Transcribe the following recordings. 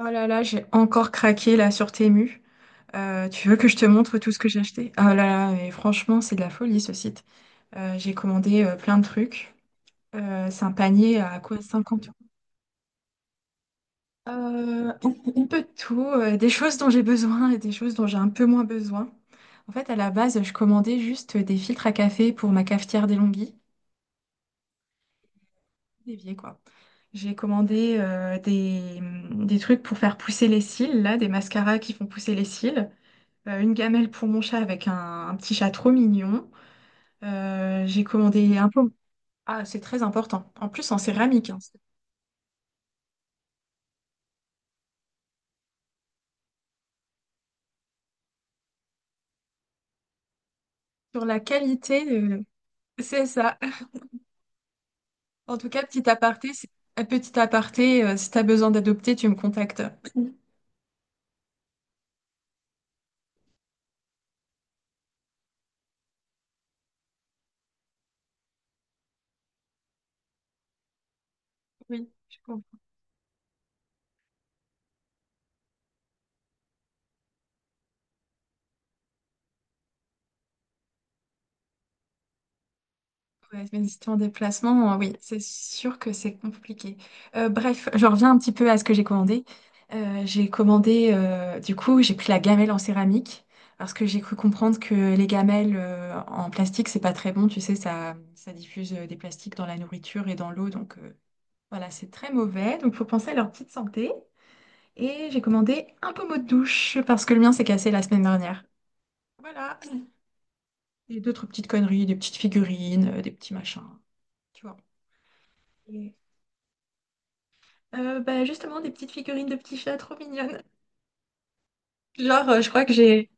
Oh là là, j'ai encore craqué là sur Temu. Tu veux que je te montre tout ce que j'ai acheté? Oh là là, mais franchement, c'est de la folie ce site. J'ai commandé plein de trucs. C'est un panier à quoi 50 euros. Euh, un peu de tout, des choses dont j'ai besoin et des choses dont j'ai un peu moins besoin. En fait, à la base, je commandais juste des filtres à café pour ma cafetière d'Elonghi, d'évier quoi. J'ai commandé des trucs pour faire pousser les cils, là, des mascaras qui font pousser les cils. Une gamelle pour mon chat avec un petit chat trop mignon. J'ai commandé un pot. Ah, c'est très important. En plus, en céramique, hein. Sur la qualité, c'est ça. En tout cas, petit aparté, un petit aparté, si t'as besoin d'adopter, tu me contactes. Oui, je comprends. Ouais, mais si en déplacement, oui, c'est sûr que c'est compliqué. Bref, je reviens un petit peu à ce que j'ai commandé. J'ai commandé, du coup, j'ai pris la gamelle en céramique parce que j'ai cru comprendre que les gamelles en plastique, c'est pas très bon. Tu sais, ça diffuse des plastiques dans la nourriture et dans l'eau, donc voilà, c'est très mauvais. Donc, faut penser à leur petite santé. Et j'ai commandé un pommeau de douche parce que le mien s'est cassé la semaine dernière. Voilà. Et d'autres petites conneries, des petites figurines, des petits machins, tu vois. Bah, justement, des petites figurines de petits chats trop mignonnes. Genre, je crois que j'ai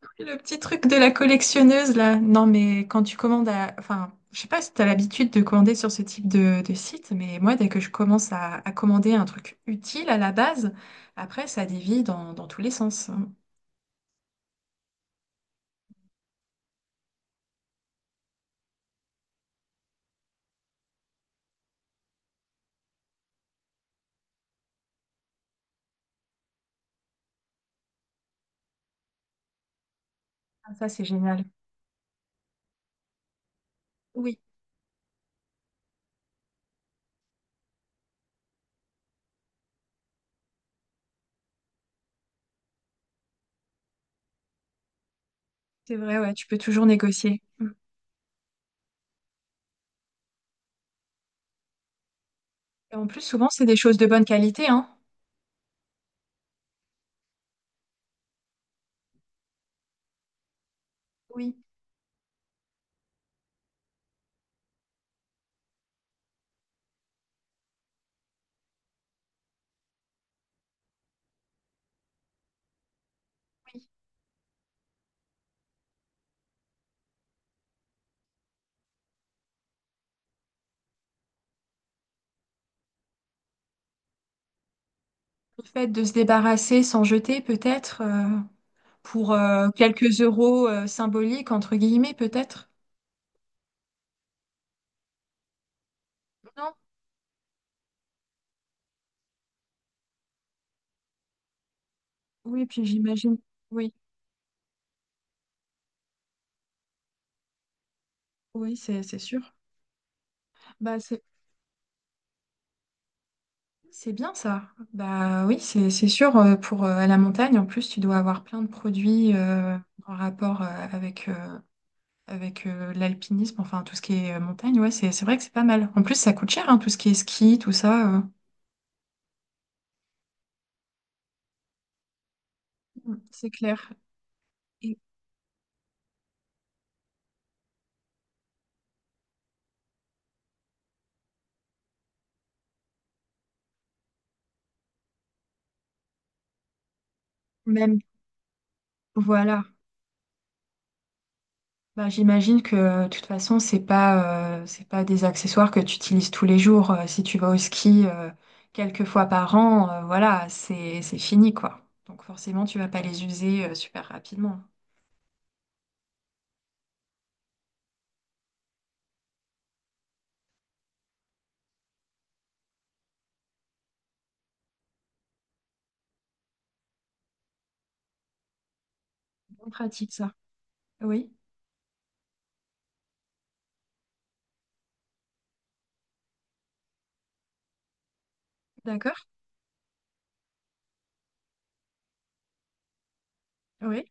pris le petit truc de la collectionneuse là. Non, mais quand tu commandes à... Enfin, je sais pas si t'as l'habitude de commander sur ce type de site, mais moi, dès que je commence à commander un truc utile à la base, après, ça dévie dans tous les sens. Ah, ça, c'est génial. Oui, c'est vrai, ouais, tu peux toujours négocier. Mm. Et en plus, souvent, c'est des choses de bonne qualité, hein. Oui, oui. Le fait de se débarrasser sans jeter, peut-être, pour quelques euros, symboliques, entre guillemets, peut-être. Non? Oui, puis j'imagine. Oui, oui, c'est sûr. Bah, c'est bien ça. Bah oui, c'est sûr. Pour À la montagne, en plus, tu dois avoir plein de produits en rapport avec, l'alpinisme, enfin tout ce qui est montagne. Ouais, c'est vrai que c'est pas mal. En plus, ça coûte cher, hein, tout ce qui est ski, tout ça. Mm. C'est clair. Et même, voilà. Bah, j'imagine que, de toute façon, c'est pas des accessoires que tu utilises tous les jours. Si tu vas au ski, quelques fois par an, voilà, c'est fini, quoi. Donc forcément, tu vas pas les user super rapidement. Bien pratique, ça. Oui, d'accord. Oui,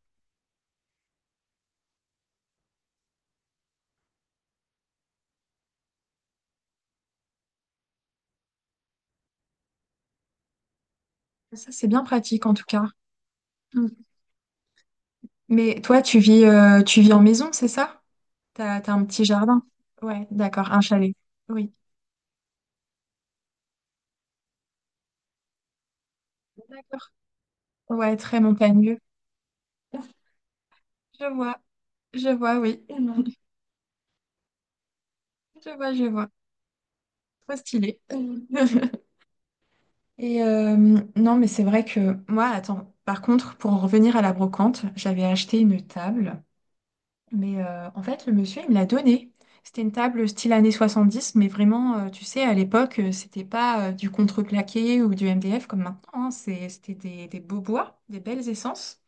ça, c'est bien pratique en tout cas. Mm. Mais toi, tu vis en maison, c'est ça? T'as un petit jardin? Ouais, d'accord, un chalet. Oui, d'accord. Ouais, très montagneux. Je vois, je vois, oui. Je vois, je vois. Trop stylé. Et euh, non, mais c'est vrai que moi, attends, par contre, pour en revenir à la brocante, j'avais acheté une table, mais en fait, le monsieur, il me l'a donnée. C'était une table style années dix, mais vraiment, tu sais, à l'époque, c'était pas du contreplaqué ou du MDF comme maintenant, hein. C'était des beaux bois, des belles essences.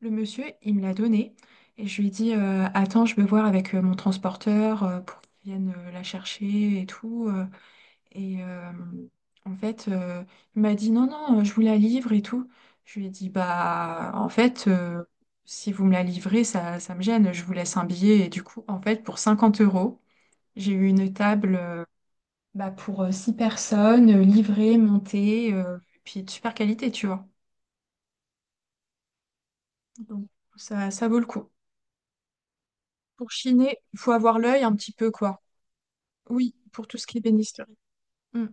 Le monsieur, il me l'a donnée et je lui ai dit, attends, je vais voir avec mon transporteur pour qu'il vienne la chercher et tout. Et euh, en fait, il m'a dit non, non, je vous la livre et tout. Je lui ai dit, bah, en fait, si vous me la livrez, ça me gêne, je vous laisse un billet. Et du coup, en fait, pour 50 euros, j'ai eu une table, bah, pour six personnes, livrée, montée, puis de super qualité, tu vois. Donc, ça vaut le coup. Pour chiner, il faut avoir l'œil un petit peu, quoi. Oui, pour tout ce qui est bénisterie. Mm.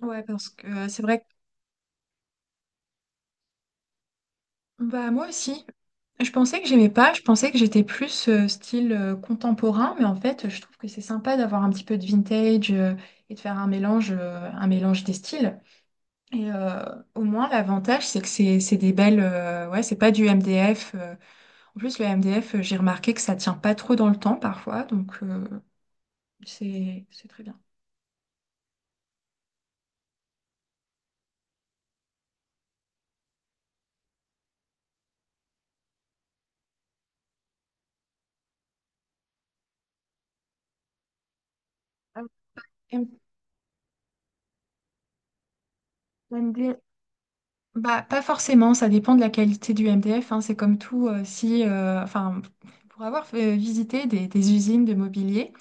Ouais, parce que c'est vrai. Bah moi aussi. Je pensais que j'aimais pas, je pensais que j'étais plus style contemporain, mais en fait, je trouve que c'est sympa d'avoir un petit peu de vintage, et de faire un mélange des styles. Et euh, au moins, l'avantage, c'est que c'est des belles, ouais, c'est pas du MDF. En plus, le MDF, j'ai remarqué que ça tient pas trop dans le temps parfois, donc c'est très bien. Ah, M- D F. Bah, pas forcément, ça dépend de la qualité du MDF, hein, c'est comme tout, si, enfin, pour avoir visité des usines de mobilier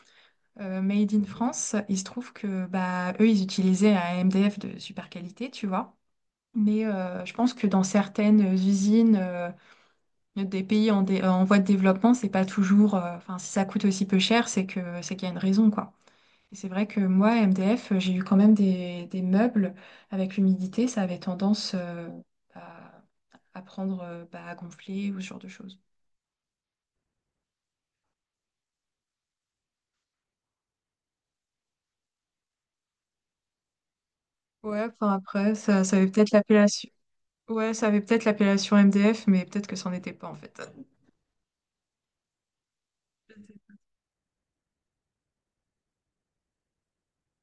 made in France, il se trouve que bah, eux, ils utilisaient un MDF de super qualité, tu vois. Mais je pense que dans certaines usines des pays en voie de développement, c'est pas toujours, enfin, si ça coûte aussi peu cher, c'est que c'est qu'il y a une raison, quoi. Et c'est vrai que moi, à MDF, j'ai eu quand même des meubles avec l'humidité, ça avait tendance à, à prendre, bah, à gonfler ou ce genre de choses. Ouais, enfin après, ça avait peut-être l'appellation. Ouais, ça avait peut-être l'appellation MDF, mais peut-être que c'en était pas en fait.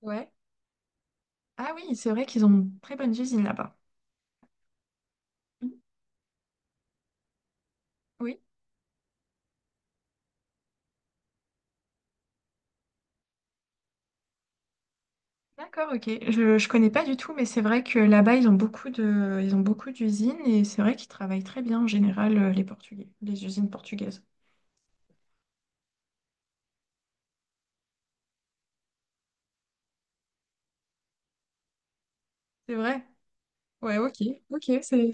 Ouais. Ah oui, c'est vrai qu'ils ont une très bonne usine là-bas. Mhm. Oui, d'accord, ok. Je connais pas du tout, mais c'est vrai que là-bas, ils ont beaucoup de, ils ont beaucoup d'usines et c'est vrai qu'ils travaillent très bien en général, les Portugais, les usines portugaises. C'est vrai. Ouais, ok, ok, c'est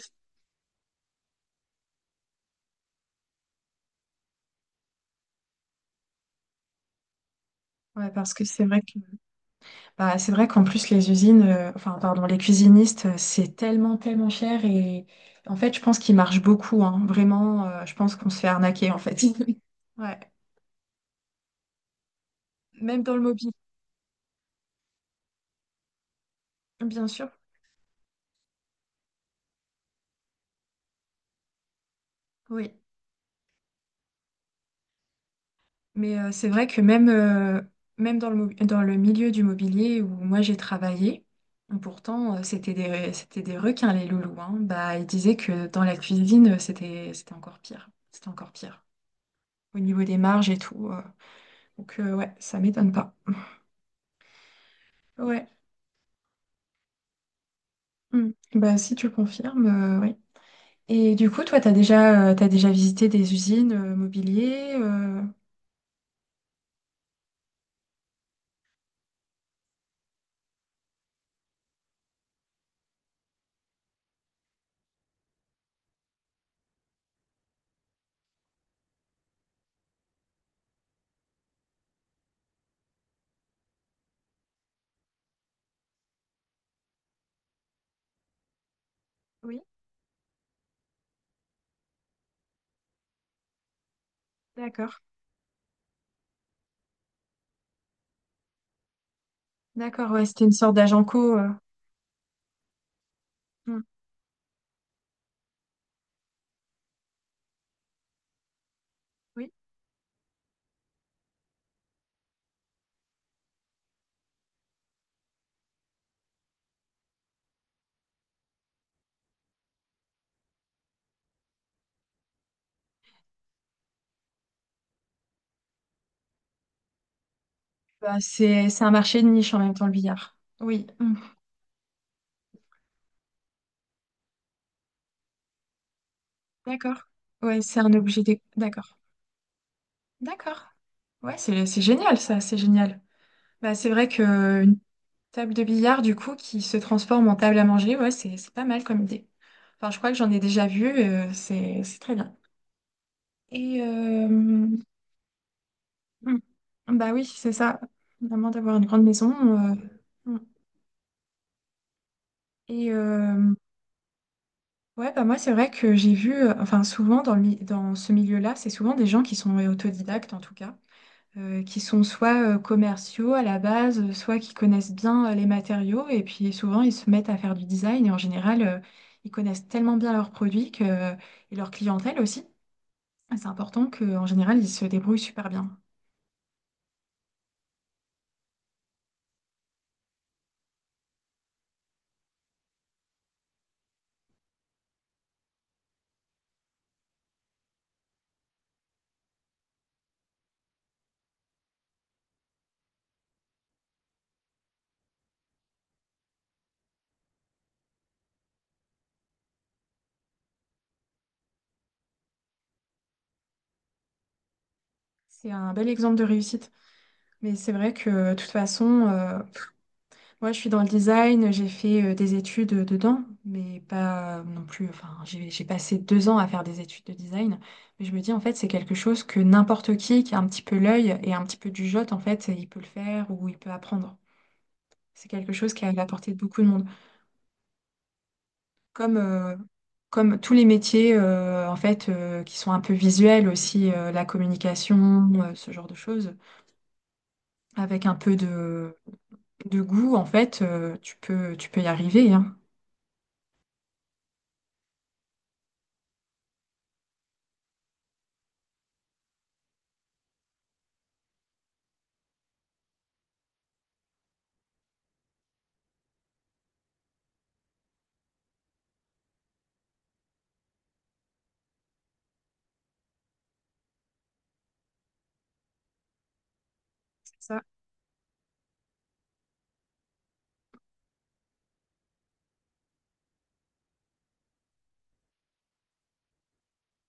ouais, parce que c'est vrai que bah, c'est vrai qu'en plus les usines, enfin pardon, les cuisinistes, c'est tellement tellement cher et en fait je pense qu'ils marchent beaucoup, hein. Vraiment, je pense qu'on se fait arnaquer en fait. Ouais, même dans le mobile, bien sûr. Oui, mais c'est vrai que même, même dans le milieu du mobilier où moi j'ai travaillé, pourtant, c'était des requins les loulous, hein. Bah ils disaient que dans la cuisine, c'était encore pire, c'était encore pire. Au niveau des marges et tout. Donc, ouais, ça m'étonne pas. Ouais. Hmm. Bah si tu confirmes, oui. Et du coup, toi, t'as déjà visité des usines mobilier Oui, d'accord. D'accord, ouais, c'était une sorte d'agent co. Hmm. Oui. Bah, c'est un marché de niche en même temps, le billard. Oui, hmm. D'accord. Ouais, c'est un objet d'accord. D'accord. Ouais, c'est génial ça, c'est génial. Bah, c'est vrai que. Table de billard, du coup, qui se transforme en table à manger, ouais, c'est pas mal comme idée. Enfin, je crois que j'en ai déjà vu, c'est très bien. Hmm. Bah oui, c'est ça, vraiment d'avoir une grande maison. euh, hmm. et euh, ouais, bah moi, c'est vrai que j'ai vu, enfin, souvent dans ce milieu-là, c'est souvent des gens qui sont autodidactes en tout cas. Qui sont soit, commerciaux à la base, soit qui connaissent bien, les matériaux. Et puis souvent, ils se mettent à faire du design. Et en général, ils connaissent tellement bien leurs produits, et leur clientèle aussi. C'est important qu'en général, ils se débrouillent super bien. C'est un bel exemple de réussite. Mais c'est vrai que de toute façon, ouais, je suis dans le design, j'ai fait des études dedans, mais pas, non plus. Enfin, j'ai passé 2 ans à faire des études de design, mais je me dis en fait c'est quelque chose que n'importe qui a un petit peu l'œil et un petit peu du jote en fait, il peut le faire ou il peut apprendre. C'est quelque chose qui est à la portée de beaucoup de monde, comme euh, comme tous les métiers en fait qui sont un peu visuels aussi, la communication, ce genre de choses, avec un peu de goût en fait, tu peux y arriver, hein.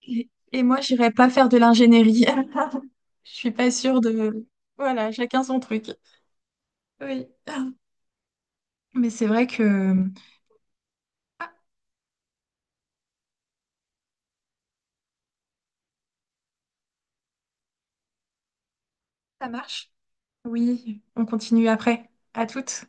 Et et moi, j'irais pas faire de l'ingénierie. Je suis pas sûre de... Voilà, chacun son truc. Oui. Mais c'est vrai que... Ah, ça marche. Oui, on continue après. À toutes.